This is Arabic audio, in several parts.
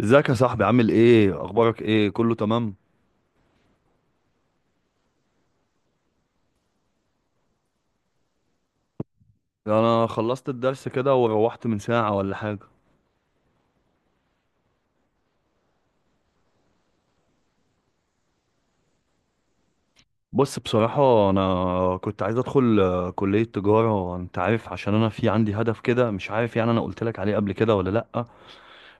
ازيك يا صاحبي؟ عامل ايه؟ اخبارك ايه؟ كله تمام؟ انا خلصت الدرس كده وروحت من ساعة ولا حاجة. بص، بصراحة انا كنت عايز ادخل كلية تجارة، انت عارف، عشان انا في عندي هدف كده. مش عارف يعني، انا قلت لك عليه قبل كده ولا لأ؟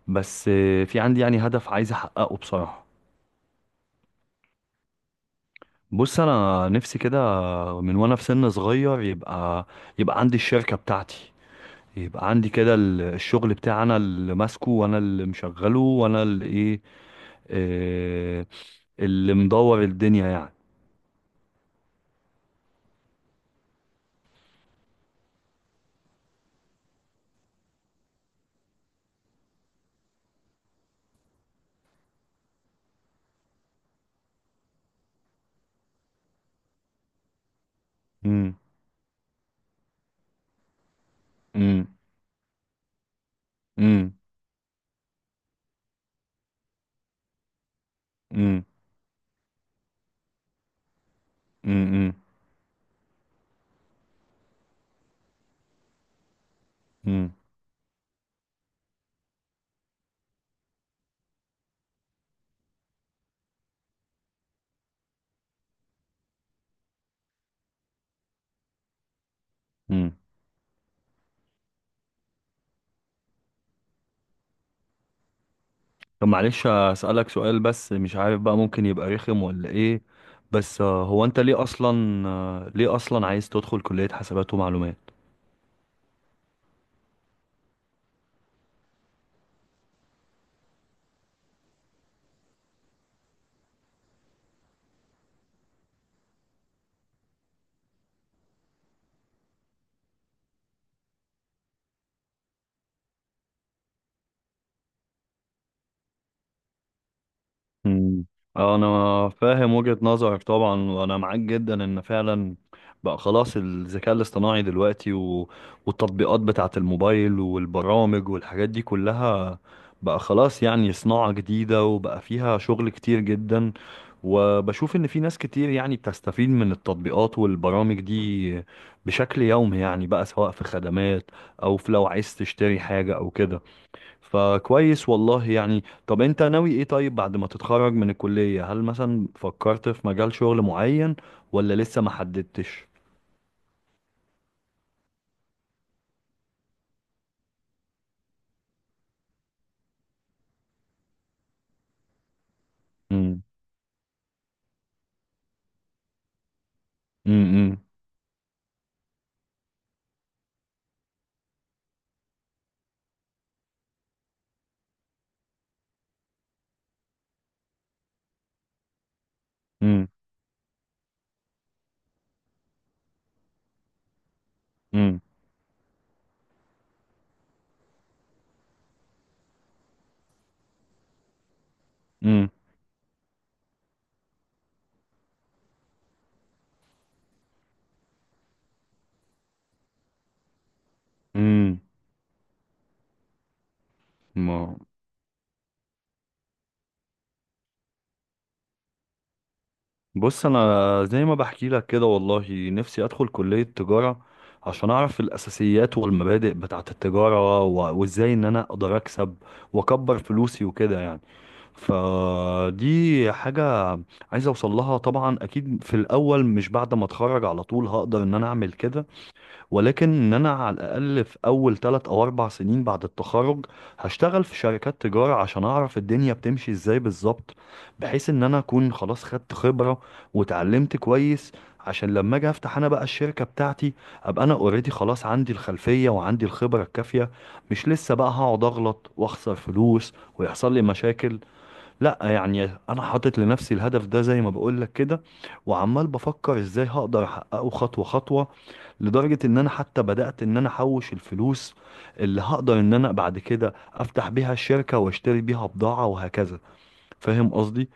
بس في عندي يعني هدف عايز احققه بصراحة. بص، انا نفسي كده من وانا في سن صغير، يبقى يبقى عندي الشركة بتاعتي، يبقى عندي كده الشغل بتاعي، انا اللي ماسكه وانا اللي مشغله وانا اللي ايه، آه، اللي مدور الدنيا يعني. امم. امم. امم. امم. امم. امم. امم. طب معلش، أسألك سؤال، بس مش عارف بقى، ممكن يبقى رخم ولا ايه؟ بس هو انت ليه اصلا، ليه اصلا عايز تدخل كلية حسابات ومعلومات؟ مم. انا فاهم وجهة نظرك طبعا، وانا معاك جدا، ان فعلا بقى خلاص الذكاء الاصطناعي دلوقتي والتطبيقات بتاعة الموبايل والبرامج والحاجات دي كلها بقى خلاص يعني صناعة جديدة، وبقى فيها شغل كتير جدا. وبشوف ان في ناس كتير يعني بتستفيد من التطبيقات والبرامج دي بشكل يومي يعني، بقى سواء في خدمات او في لو عايز تشتري حاجة او كده. فكويس والله يعني. طب انت ناوي ايه طيب بعد ما تتخرج من الكلية؟ هل مثلا فكرت في مجال شغل معين، ولا لسه ما حددتش؟ امم. امم. امم. امم. امم. امم. ما بص انا زي ما بحكي لك كده، والله نفسي ادخل كلية تجارة عشان اعرف الاساسيات والمبادئ بتاعت التجارة وازاي ان انا اقدر اكسب واكبر فلوسي وكده يعني. فدي حاجة عايز اوصل لها طبعا. اكيد في الاول مش بعد ما اتخرج على طول هقدر ان انا اعمل كده، ولكن ان انا على الاقل في اول ثلاث او اربع سنين بعد التخرج هشتغل في شركات تجارة عشان اعرف الدنيا بتمشي ازاي بالظبط، بحيث ان انا اكون خلاص خدت خبرة وتعلمت كويس، عشان لما اجي افتح انا بقى الشركة بتاعتي ابقى انا اوريدي خلاص عندي الخلفية وعندي الخبرة الكافية، مش لسه بقى هقعد اغلط واخسر فلوس ويحصل لي مشاكل. لا يعني انا حاطط لنفسي الهدف ده زي ما بقولك كده، وعمال بفكر ازاي هقدر احققه خطوة خطوة. لدرجة ان انا حتى بدأت ان انا احوش الفلوس اللي هقدر ان انا بعد كده افتح بيها الشركة واشتري بيها بضاعة وهكذا. فاهم قصدي؟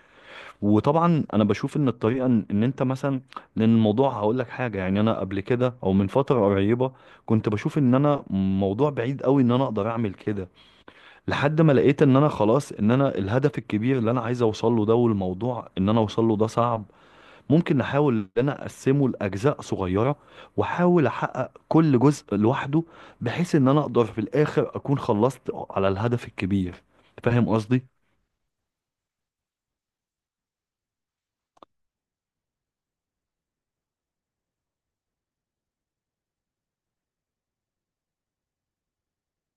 وطبعا انا بشوف ان الطريقة ان انت مثلا، لان الموضوع هقولك حاجة يعني، انا قبل كده او من فترة قريبة كنت بشوف ان انا موضوع بعيد قوي ان انا اقدر اعمل كده، لحد ما لقيت ان انا خلاص، ان انا الهدف الكبير اللي انا عايز اوصل له ده، والموضوع ان انا اوصل له ده صعب، ممكن نحاول ان انا اقسمه لاجزاء صغيره واحاول احقق كل جزء لوحده، بحيث ان انا اقدر في الاخر اكون خلصت على الهدف الكبير. فاهم قصدي؟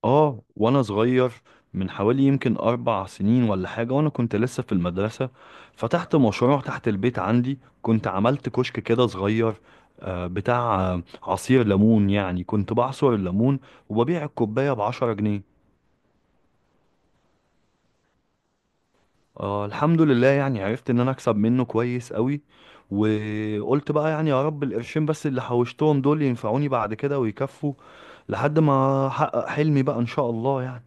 اه، وانا صغير من حوالي يمكن اربع سنين ولا حاجة، وانا كنت لسه في المدرسة، فتحت مشروع تحت البيت عندي. كنت عملت كشك كده صغير، بتاع عصير ليمون يعني، كنت بعصر الليمون وببيع الكوباية بعشرة جنيه. آه، الحمد لله يعني، عرفت ان انا اكسب منه كويس قوي. وقلت بقى يعني، يا رب القرشين بس اللي حوشتهم دول ينفعوني بعد كده ويكفوا لحد ما احقق حلمي بقى ان شاء الله يعني.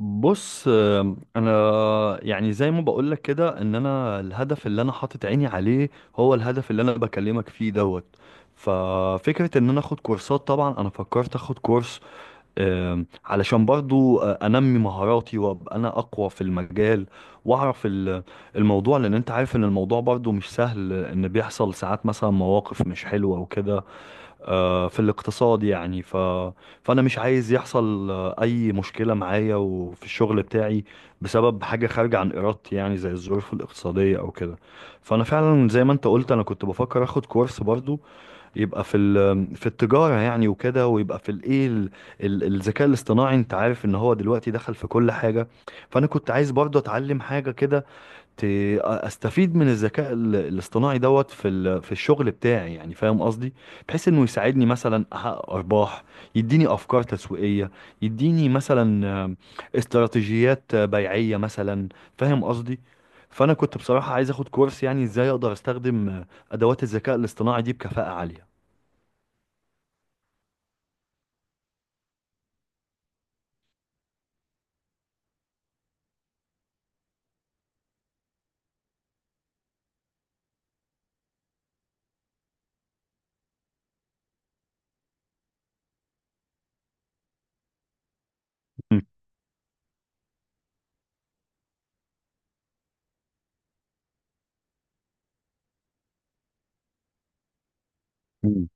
بص، انا يعني زي ما بقولك كده، ان انا الهدف اللي انا حاطط عيني عليه هو الهدف اللي انا بكلمك فيه دوت. ففكرة ان انا اخد كورسات، طبعا انا فكرت اخد كورس علشان برضو انمي مهاراتي وابقى انا اقوى في المجال، واعرف الموضوع. لان انت عارف ان الموضوع برضو مش سهل، ان بيحصل ساعات مثلا مواقف مش حلوة وكده في الاقتصاد يعني. فأنا مش عايز يحصل أي مشكلة معايا وفي الشغل بتاعي بسبب حاجة خارجة عن إرادتي، يعني زي الظروف الاقتصادية أو كده. فأنا فعلا زي ما أنت قلت، أنا كنت بفكر أخد كورس برضو يبقى في التجارة يعني وكده، ويبقى في الإيه، الذكاء الاصطناعي. أنت عارف إن هو دلوقتي دخل في كل حاجة، فأنا كنت عايز برضو أتعلم حاجة كده ت- استفيد من الذكاء الاصطناعي دوت في الشغل بتاعي يعني. فاهم قصدي؟ بحيث انه يساعدني مثلا احقق ارباح، يديني افكار تسويقيه، يديني مثلا استراتيجيات بيعيه مثلا. فاهم قصدي؟ فانا كنت بصراحه عايز اخد كورس يعني، ازاي اقدر استخدم ادوات الذكاء الاصطناعي دي بكفاءه عاليه. مم. مم.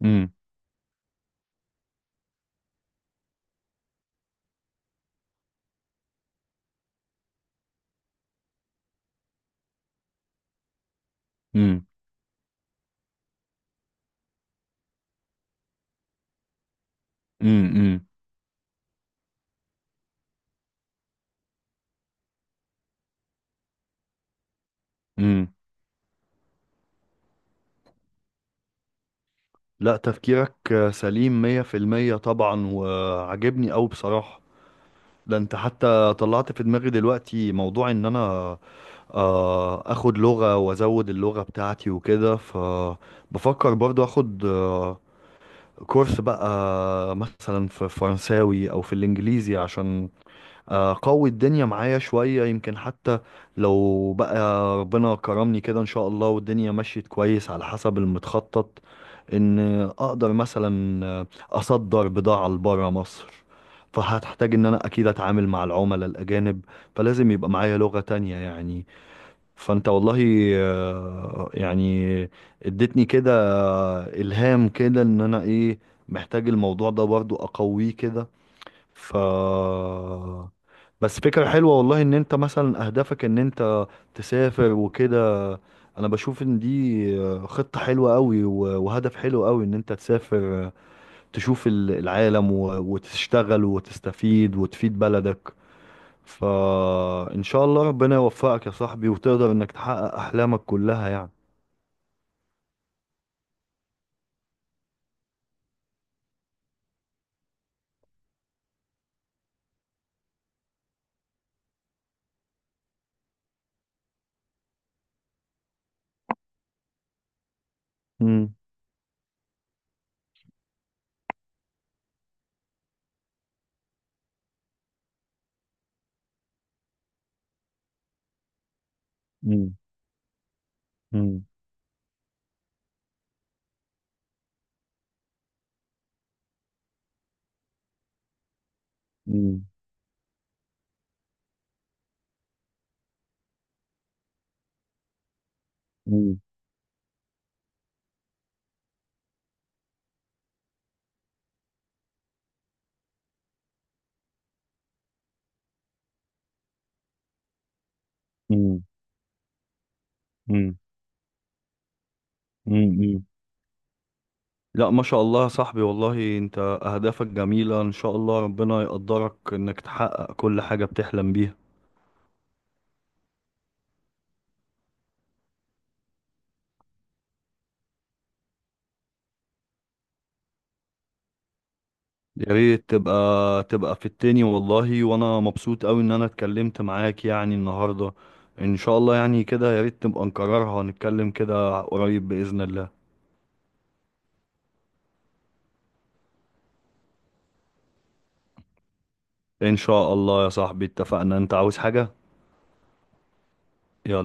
مم. مم. مم. مم. مم. لا، تفكيرك سليم 100% طبعا، وعجبني قوي بصراحه. ده انت حتى طلعت في دماغي دلوقتي موضوع ان انا اخد لغة وازود اللغة بتاعتي وكده. فبفكر برضو اخد كورس بقى مثلا في فرنساوي او في الانجليزي، عشان قوي الدنيا معايا شوية، يمكن حتى لو بقى ربنا كرمني كده ان شاء الله والدنيا مشيت كويس على حسب المتخطط، ان اقدر مثلا اصدر بضاعة لبرا مصر. فهتحتاج ان انا اكيد اتعامل مع العملاء الاجانب، فلازم يبقى معايا لغة تانية يعني. فانت والله يعني اديتني كده الهام كده، ان انا ايه، محتاج الموضوع ده برضو اقويه كده. ف بس فكرة حلوة والله، ان انت مثلا اهدافك ان انت تسافر وكده. انا بشوف ان دي خطة حلوة قوي، وهدف حلو قوي ان انت تسافر، تشوف العالم وتشتغل وتستفيد وتفيد بلدك. فان شاء الله ربنا يوفقك يا صاحبي، وتقدر انك تحقق احلامك كلها يعني. مم. مم. مم. مم. مم. مم. مم. مم. لا، ما شاء الله يا صاحبي، والله انت اهدافك جميلة. ان شاء الله ربنا يقدرك انك تحقق كل حاجة بتحلم بيها. يا ريت تبقى في التاني والله. وانا مبسوط اوي ان انا اتكلمت معاك يعني النهاردة. ان شاء الله يعني كده يا ريت نبقى نكررها، نتكلم كده قريب بإذن الله. ان شاء الله يا صاحبي. اتفقنا؟ انت عاوز حاجة؟ يلا.